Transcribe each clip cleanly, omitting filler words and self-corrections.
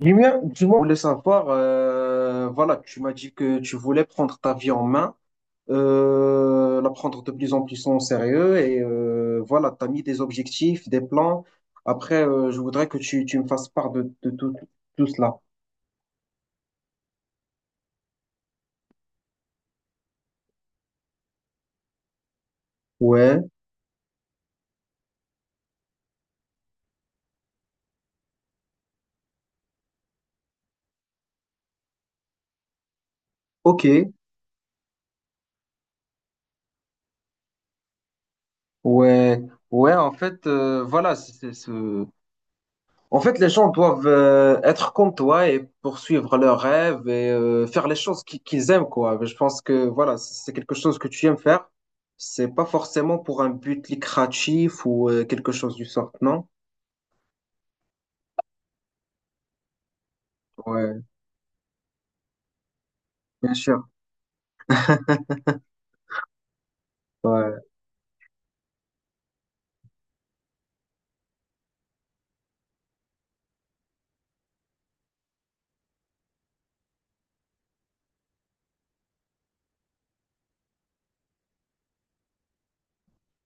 Julien, dis-moi, je voulais savoir, voilà, tu m'as dit que tu voulais prendre ta vie en main, la prendre de plus en plus en sérieux et voilà, tu as mis des objectifs, des plans. Après, je voudrais que tu me fasses part de tout, tout cela. Ouais, ok, ouais, ouais, en fait, voilà, en fait, les gens doivent être comme toi et poursuivre leurs rêves et faire les choses qu'ils aiment, quoi. Je pense que voilà, c'est quelque chose que tu aimes faire. C'est pas forcément pour un but lucratif ou quelque chose du sort, non? Ouais, bien sûr.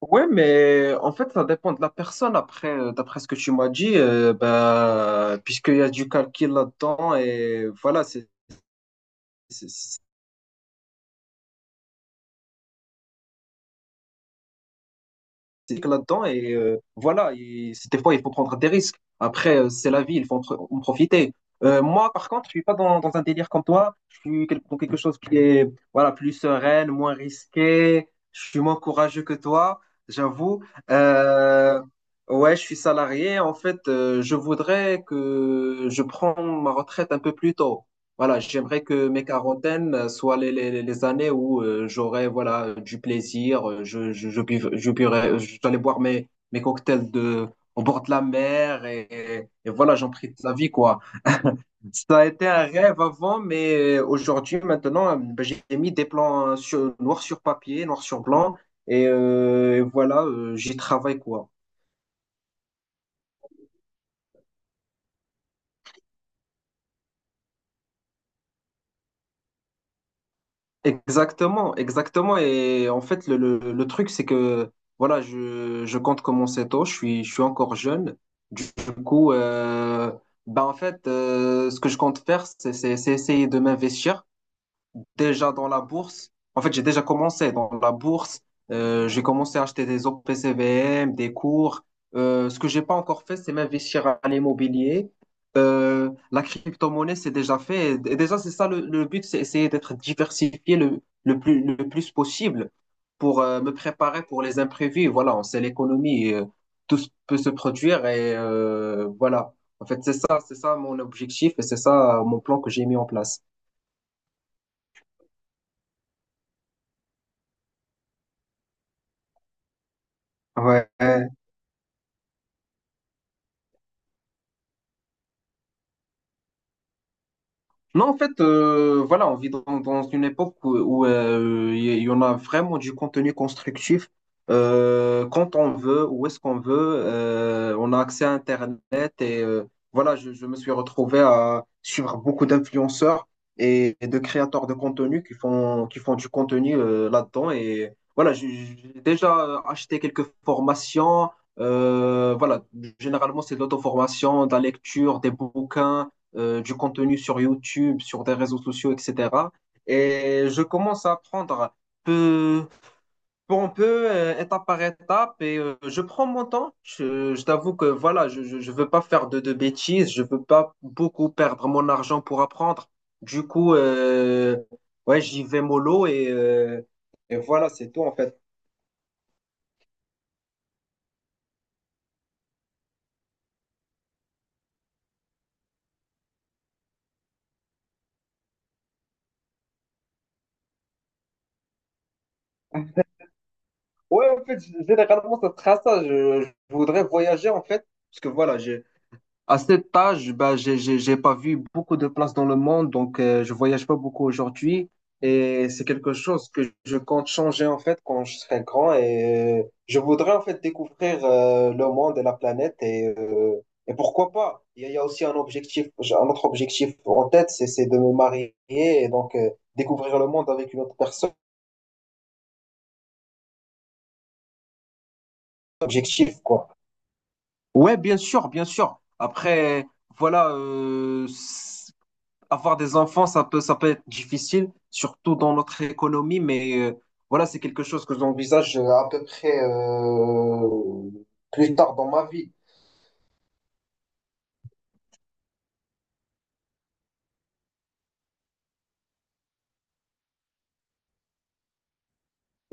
Ouais, mais en fait, ça dépend de la personne. Après, d'après ce que tu m'as dit, bah, puisqu'il y a du calcul là-dedans et voilà, c'est- s'éclate là-dedans et voilà, des fois, il faut prendre des risques. Après, c'est la vie, il faut en profiter. Moi, par contre, je suis pas dans un délire comme toi. Je suis dans quelque chose qui est voilà, plus sereine, moins risqué. Je suis moins courageux que toi, j'avoue. Euh, ouais, je suis salarié. En fait, je voudrais que je prenne ma retraite un peu plus tôt. Voilà, j'aimerais que mes quarantaines soient les années où j'aurais voilà du plaisir, je buv- je buirais- j'allais boire mes cocktails de au bord de la mer et voilà, j'en prie de la vie quoi. Ça a été un rêve avant, mais aujourd'hui maintenant, ben, j'ai mis des plans sur, noir sur papier, noir sur blanc et voilà, j'y travaille quoi. Exactement, exactement. Et en fait, le truc, c'est que voilà, je compte commencer tôt, je suis encore jeune. Du coup, bah en fait, ce que je compte faire, c'est essayer de m'investir déjà dans la bourse. En fait, j'ai déjà commencé dans la bourse. J'ai commencé à acheter des OPCVM, des cours. Ce que j'ai pas encore fait, c'est m'investir à l'immobilier. La crypto-monnaie, c'est déjà fait. Et déjà, c'est ça le but, c'est essayer d'être diversifié le plus possible pour me préparer pour les imprévus. Voilà, on sait l'économie, peut se produire et voilà. En fait, c'est ça mon objectif et c'est ça mon plan que j'ai mis en place. Ouais. Non, en fait, voilà, on vit dans, dans une époque où, où, il y, en a vraiment du contenu constructif quand on veut, où est-ce qu'on veut. On a accès à Internet et voilà, je me suis retrouvé à suivre beaucoup d'influenceurs et de créateurs de contenu qui font du contenu là-dedans. Et voilà, j'ai déjà acheté quelques formations. Voilà, généralement, c'est de l'auto-formation, de la lecture, des bouquins du contenu sur YouTube, sur des réseaux sociaux, etc. Et je commence à apprendre peu pour peu, étape par étape, et je prends mon temps. Je t'avoue que voilà, je ne veux pas faire de bêtises, je veux pas beaucoup perdre mon argent pour apprendre. Du coup, ouais, j'y vais mollo et voilà, c'est tout en fait. Ouais, en fait, généralement, ça sera ça. Je voudrais voyager en fait, parce que voilà, à cet âge, bah, j'ai pas vu beaucoup de places dans le monde, donc je voyage pas beaucoup aujourd'hui. Et c'est quelque chose que je compte changer en fait quand je serai grand. Et je voudrais en fait découvrir le monde et la planète. Et pourquoi pas? Il y a aussi un objectif, j'ai un autre objectif en tête, c'est de me marier et donc découvrir le monde avec une autre personne. Objectif, quoi. Ouais, bien sûr, bien sûr. Après, voilà, avoir des enfants, ça peut être difficile, surtout dans notre économie, mais voilà, c'est quelque chose que j'envisage à peu près plus tard dans ma vie.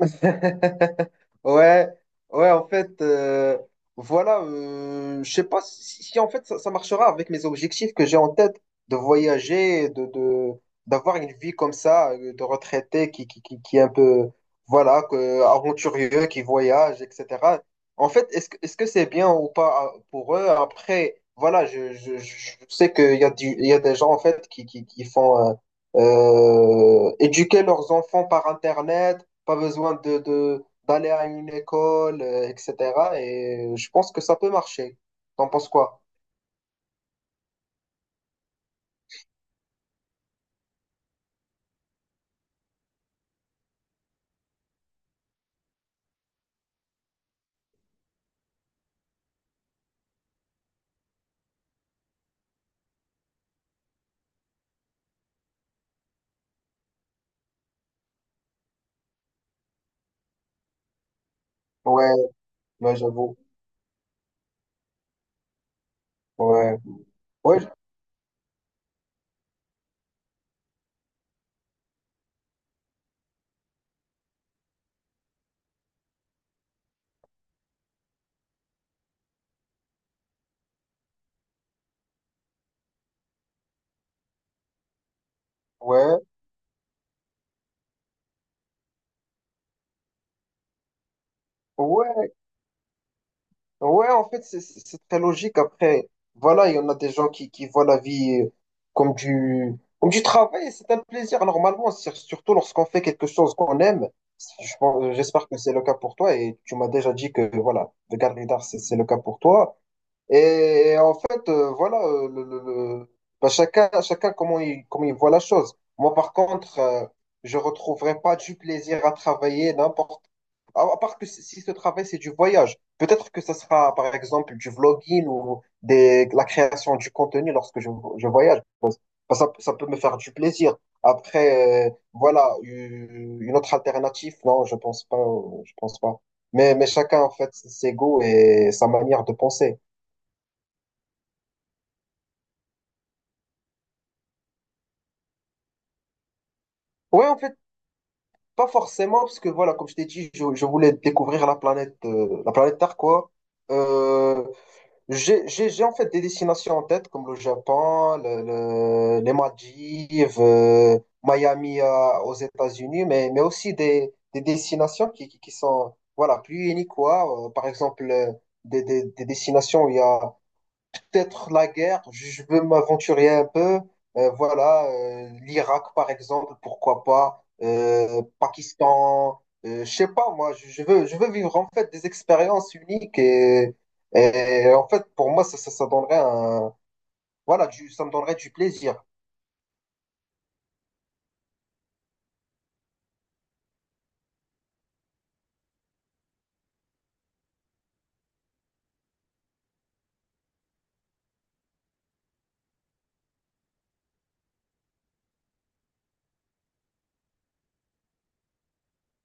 Ouais, ouais, en fait, voilà, je sais pas si, en fait ça marchera avec mes objectifs que j'ai en tête de voyager, d'avoir une vie comme ça, de retraité qui est un peu, voilà, que, aventurieux, qui voyage, etc. En fait, est-ce que c'est bien ou pas pour eux? Après, voilà, je sais qu'il y a du, il y a des gens en fait qui font éduquer leurs enfants par Internet, pas besoin d'aller à une école, etc. Et je pense que ça peut marcher. T'en penses quoi? Ouais, ouais, j'avoue. Ouais, ouais, ouais, ouais, ouais, en fait, c'est très logique. Après, voilà, il y en a des gens qui voient la vie comme du, comme du travail et c'est un plaisir, normalement, surtout lorsqu'on fait quelque chose qu'on aime. J'espère que c'est le cas pour toi et tu m'as déjà dit que, voilà, le garde c'est le cas pour toi. Et en fait, voilà, le- bah, chacun, chacun comment comment il voit la chose. Moi, par contre, je retrouverai pas du plaisir à travailler n'importe. À part que si ce travail, c'est du voyage. Peut-être que ce sera, par exemple, du vlogging ou des, la création du contenu lorsque je voyage. Bah, ça peut me faire du plaisir. Après, voilà, une autre alternative, non, je pense pas, je pense pas. Mais chacun, en fait, ses goûts et sa manière de penser. Ouais, en fait, pas forcément, parce que voilà, comme je t'ai dit, je voulais découvrir la planète Terre, quoi. Euh, j'ai en fait des destinations en tête, comme le Japon, les Maldives, Miami, aux États-Unis, mais aussi des destinations qui sont voilà, plus uniques, quoi. Par exemple, des destinations où il y a peut-être la guerre, je veux m'aventurer un peu. Voilà, l'Irak par exemple, pourquoi pas, Pakistan, je sais pas, moi, je veux vivre en fait des expériences uniques et en fait, pour moi, ça donnerait un, voilà, du, ça me donnerait du plaisir.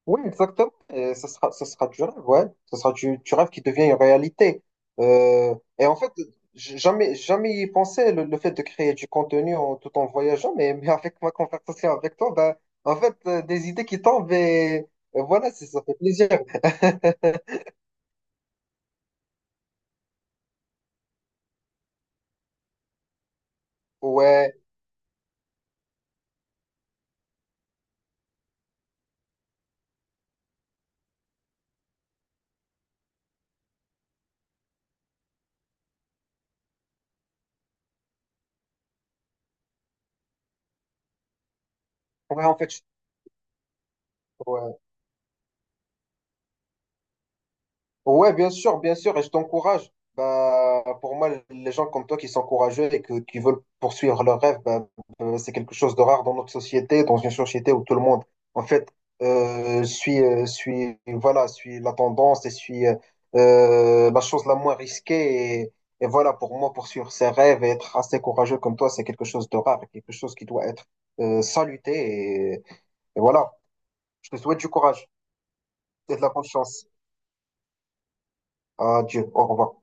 Oui, exactement. Et ce sera du rêve, ouais. Ce sera du rêve qui devient une réalité. Et en fait, jamais, jamais y penser le fait de créer du contenu en, tout en voyageant, mais avec ma conversation avec toi, ben, en fait, des idées qui tombent et voilà, ça fait plaisir. Ouais, ouais, en fait, ouais. Ouais, bien sûr, et je t'encourage. Bah, pour moi, les gens comme toi qui sont courageux qui veulent poursuivre leurs rêves, bah, c'est quelque chose de rare dans notre société, dans une société où tout le monde, en fait, suit, voilà, suit la tendance et suit la chose la moins risquée. Et voilà, pour moi, poursuivre ses rêves et être assez courageux comme toi, c'est quelque chose de rare, et quelque chose qui doit être saluté. Et, et voilà, je te souhaite du courage et de la bonne chance. Adieu, au revoir.